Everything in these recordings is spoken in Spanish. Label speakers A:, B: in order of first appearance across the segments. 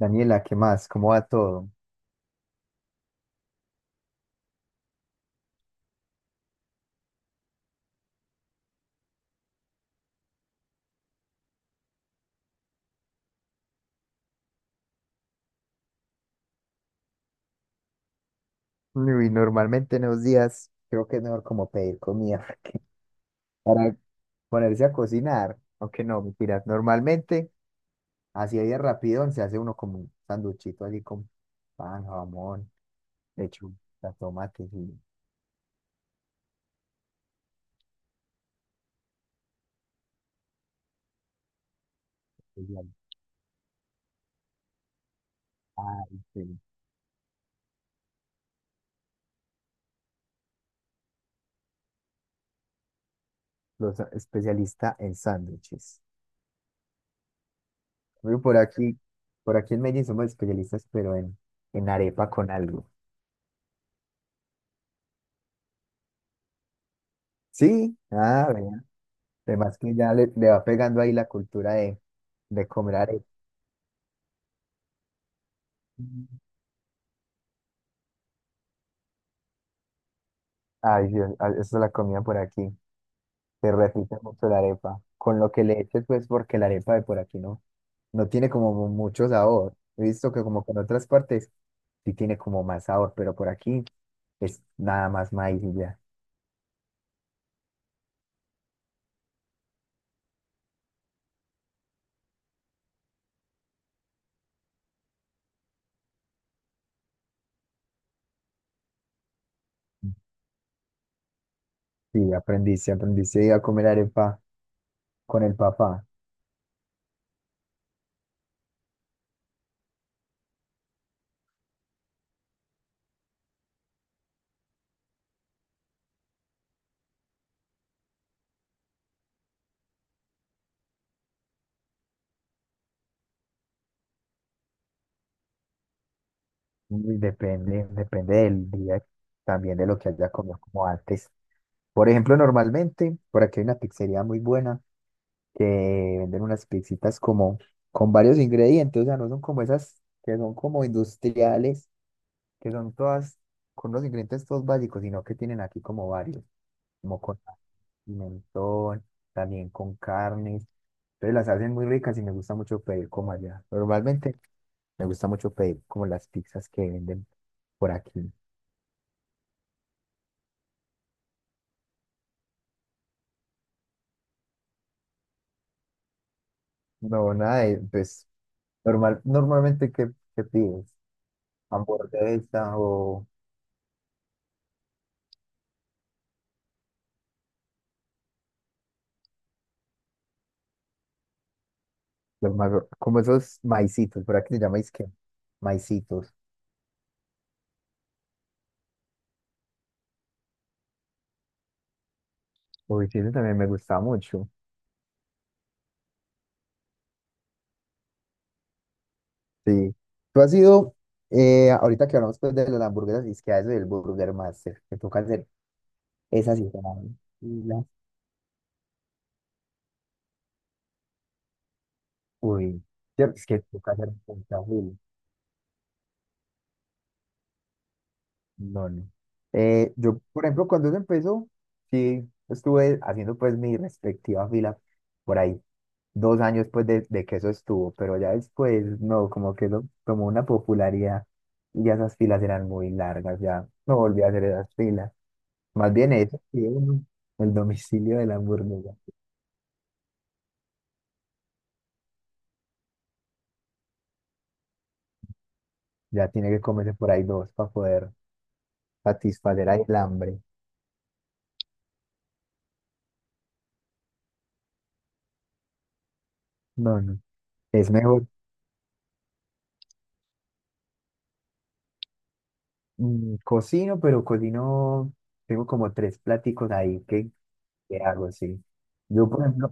A: Daniela, ¿qué más? ¿Cómo va todo? Uy, normalmente en los días creo que es mejor como pedir comida para ponerse a cocinar, aunque no, mentiras. Normalmente, así de rápido, se hace uno como un sanduchito así con pan, jamón, lechuga, tomates y, y al- ah, este, los especialistas en sándwiches. Uy, por aquí, por aquí en Medellín somos especialistas, pero en arepa con algo. Sí, ah, vea. Además que ya le va pegando ahí la cultura de comer arepa. Ay, Dios, ay, esa es la comida por aquí. Se repite mucho la arepa. Con lo que le eches, pues, porque la arepa de por aquí no, no tiene como mucho sabor. He visto que como que en otras partes sí tiene como más sabor, pero por aquí es nada más maíz y ya. Sí, aprendiste, aprendiste a comer arepa con el papá. Uy, depende, depende del día, también de lo que haya comido como antes. Por ejemplo, normalmente por aquí hay una pizzería muy buena que venden unas pizzitas como con varios ingredientes, o sea, no son como esas que son como industriales, que son todas con los ingredientes todos básicos, sino que tienen aquí como varios, como con pimentón, también con carnes. Entonces las hacen muy ricas y me gusta mucho pedir como allá. Normalmente me gusta mucho pedir como las pizzas que venden por aquí. No, nada, pues normal, normalmente, ¿qué, qué pides? ¿Hamburguesa o como esos maicitos, verdad que se llama? Es maicitos. Uy, sí, eso también me gusta mucho. Sí. Tú has ido, ahorita que hablamos pues de las hamburguesas, y es que a eso del Burger Master, que toca hacer esas y esas, y las- uy, ¿cierto? Es que toca hacer un no, no. Yo, por ejemplo, cuando eso empezó, sí, estuve haciendo pues mi respectiva fila por ahí, dos años pues de que eso estuvo, pero ya después, no, como que eso tomó una popularidad y ya esas filas eran muy largas, ya no volví a hacer esas filas. Más bien eso, sí, uno, el domicilio de la hamburguesa. Ya tiene que comerse por ahí dos para poder satisfacer ahí el hambre. No, no. Es mejor cocino, pero cocino, tengo como tres pláticos ahí que hago así. Yo, por ejemplo,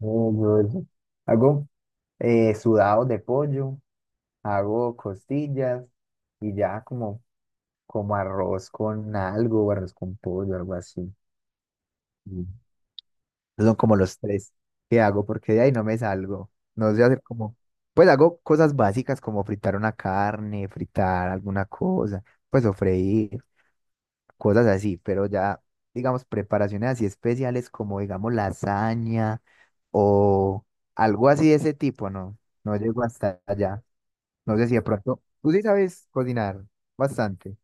A: yo eso, hago sudados de pollo, hago costillas y ya como, como arroz con algo, o arroz con pollo, algo así. Mm. Son como los tres que hago porque de ahí no me salgo. No sé hacer como, pues hago cosas básicas como fritar una carne, fritar alguna cosa, pues o freír, cosas así, pero ya, digamos, preparaciones así especiales como, digamos, lasaña o algo así de ese tipo, no, no llego hasta allá. No sé si de pronto, tú sí sabes cocinar bastante.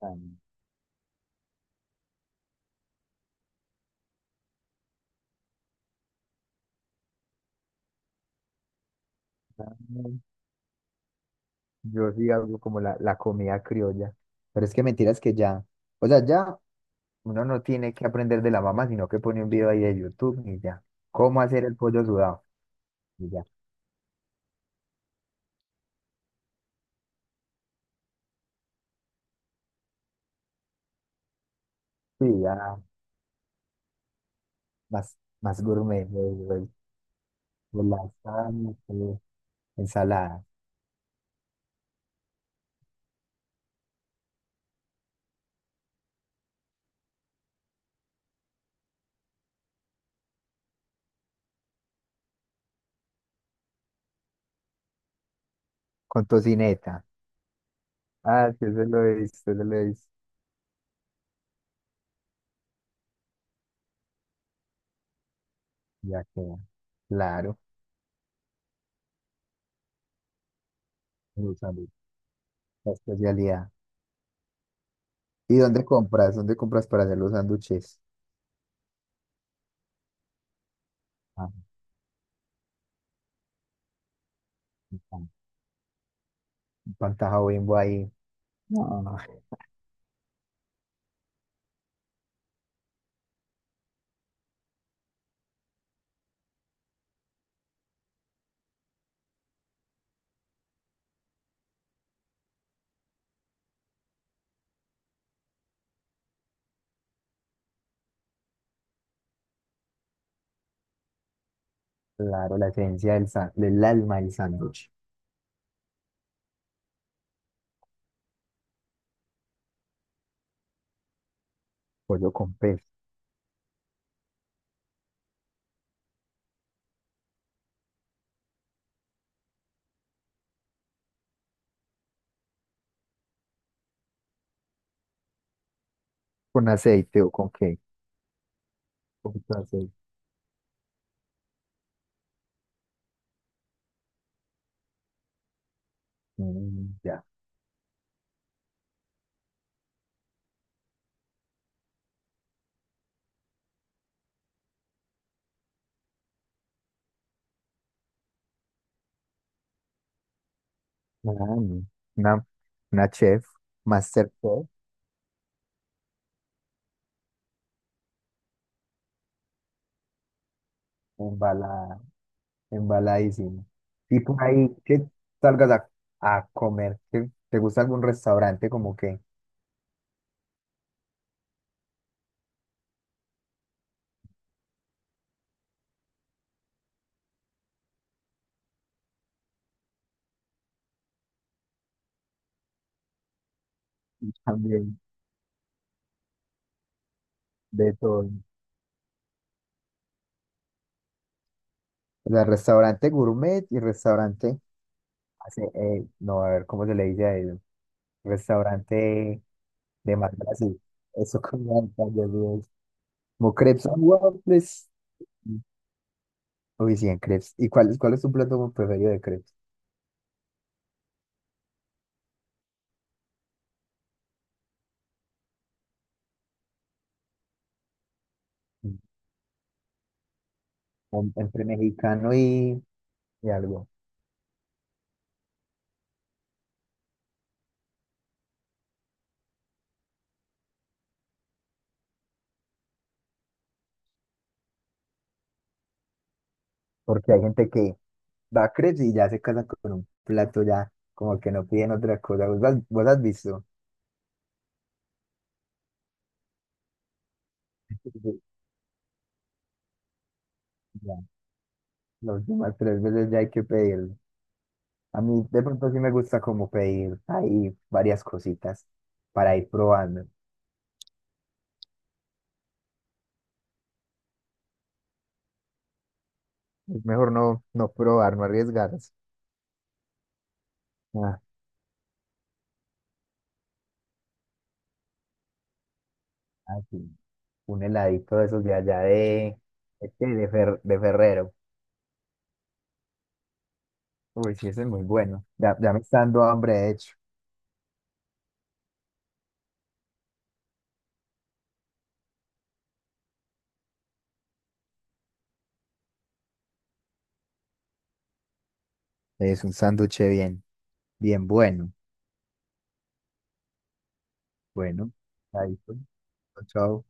A: Tan- tan- Yo sí hago como la comida criolla, pero es que mentiras que ya, o sea, ya uno no tiene que aprender de la mamá, sino que pone un video ahí de YouTube y ya, cómo hacer el pollo sudado, y ya, sí, ya, más, más gourmet, güey, güey, con lasaña, ensalada con tocineta. Ah, sí, eso lo he visto, eso lo he visto. Ya queda. Claro, los sándwiches, la especialidad. ¿Y dónde compras? ¿Dónde compras para hacer los sándwiches? Ah, pan- Pantaja Bimbo ahí. No, claro, la esencia del alma del sándwich. Pollo con pez. ¿Con aceite o con qué? Un poquito de aceite. Mm, ya. Ah, no. Una, una chef, master chef, embalada. Embaladísimo. Y por ahí que salgas a comer, que te gusta algún restaurante como que también de todo. O sea, restaurante gourmet y restaurante, así, no, a ver, ¿cómo se le dice a ello? Restaurante de más así. Eso como como Crepes and Waffles. Uy, sí, en crepes. Y cuál, ¿cuál es tu plato preferido de crepes? Mm, Entre mexicano y algo. Porque hay gente que va crepes y ya se casan con un plato ya, como que no piden otra cosa. Vos has visto? Sí, ya, las últimas tres veces ya hay que pedirlo. A mí de pronto sí me gusta como pedir ahí varias cositas para ir probando. Es mejor no, no probar, no arriesgarse. Ah, ah, sí, un heladito de esos de allá de, qué, de Ferrero. Uy, sí, ese es muy bueno. Ya, ya me está dando hambre, de hecho. Es un sándwich bien, bien bueno. Bueno, ahí pues. Chao.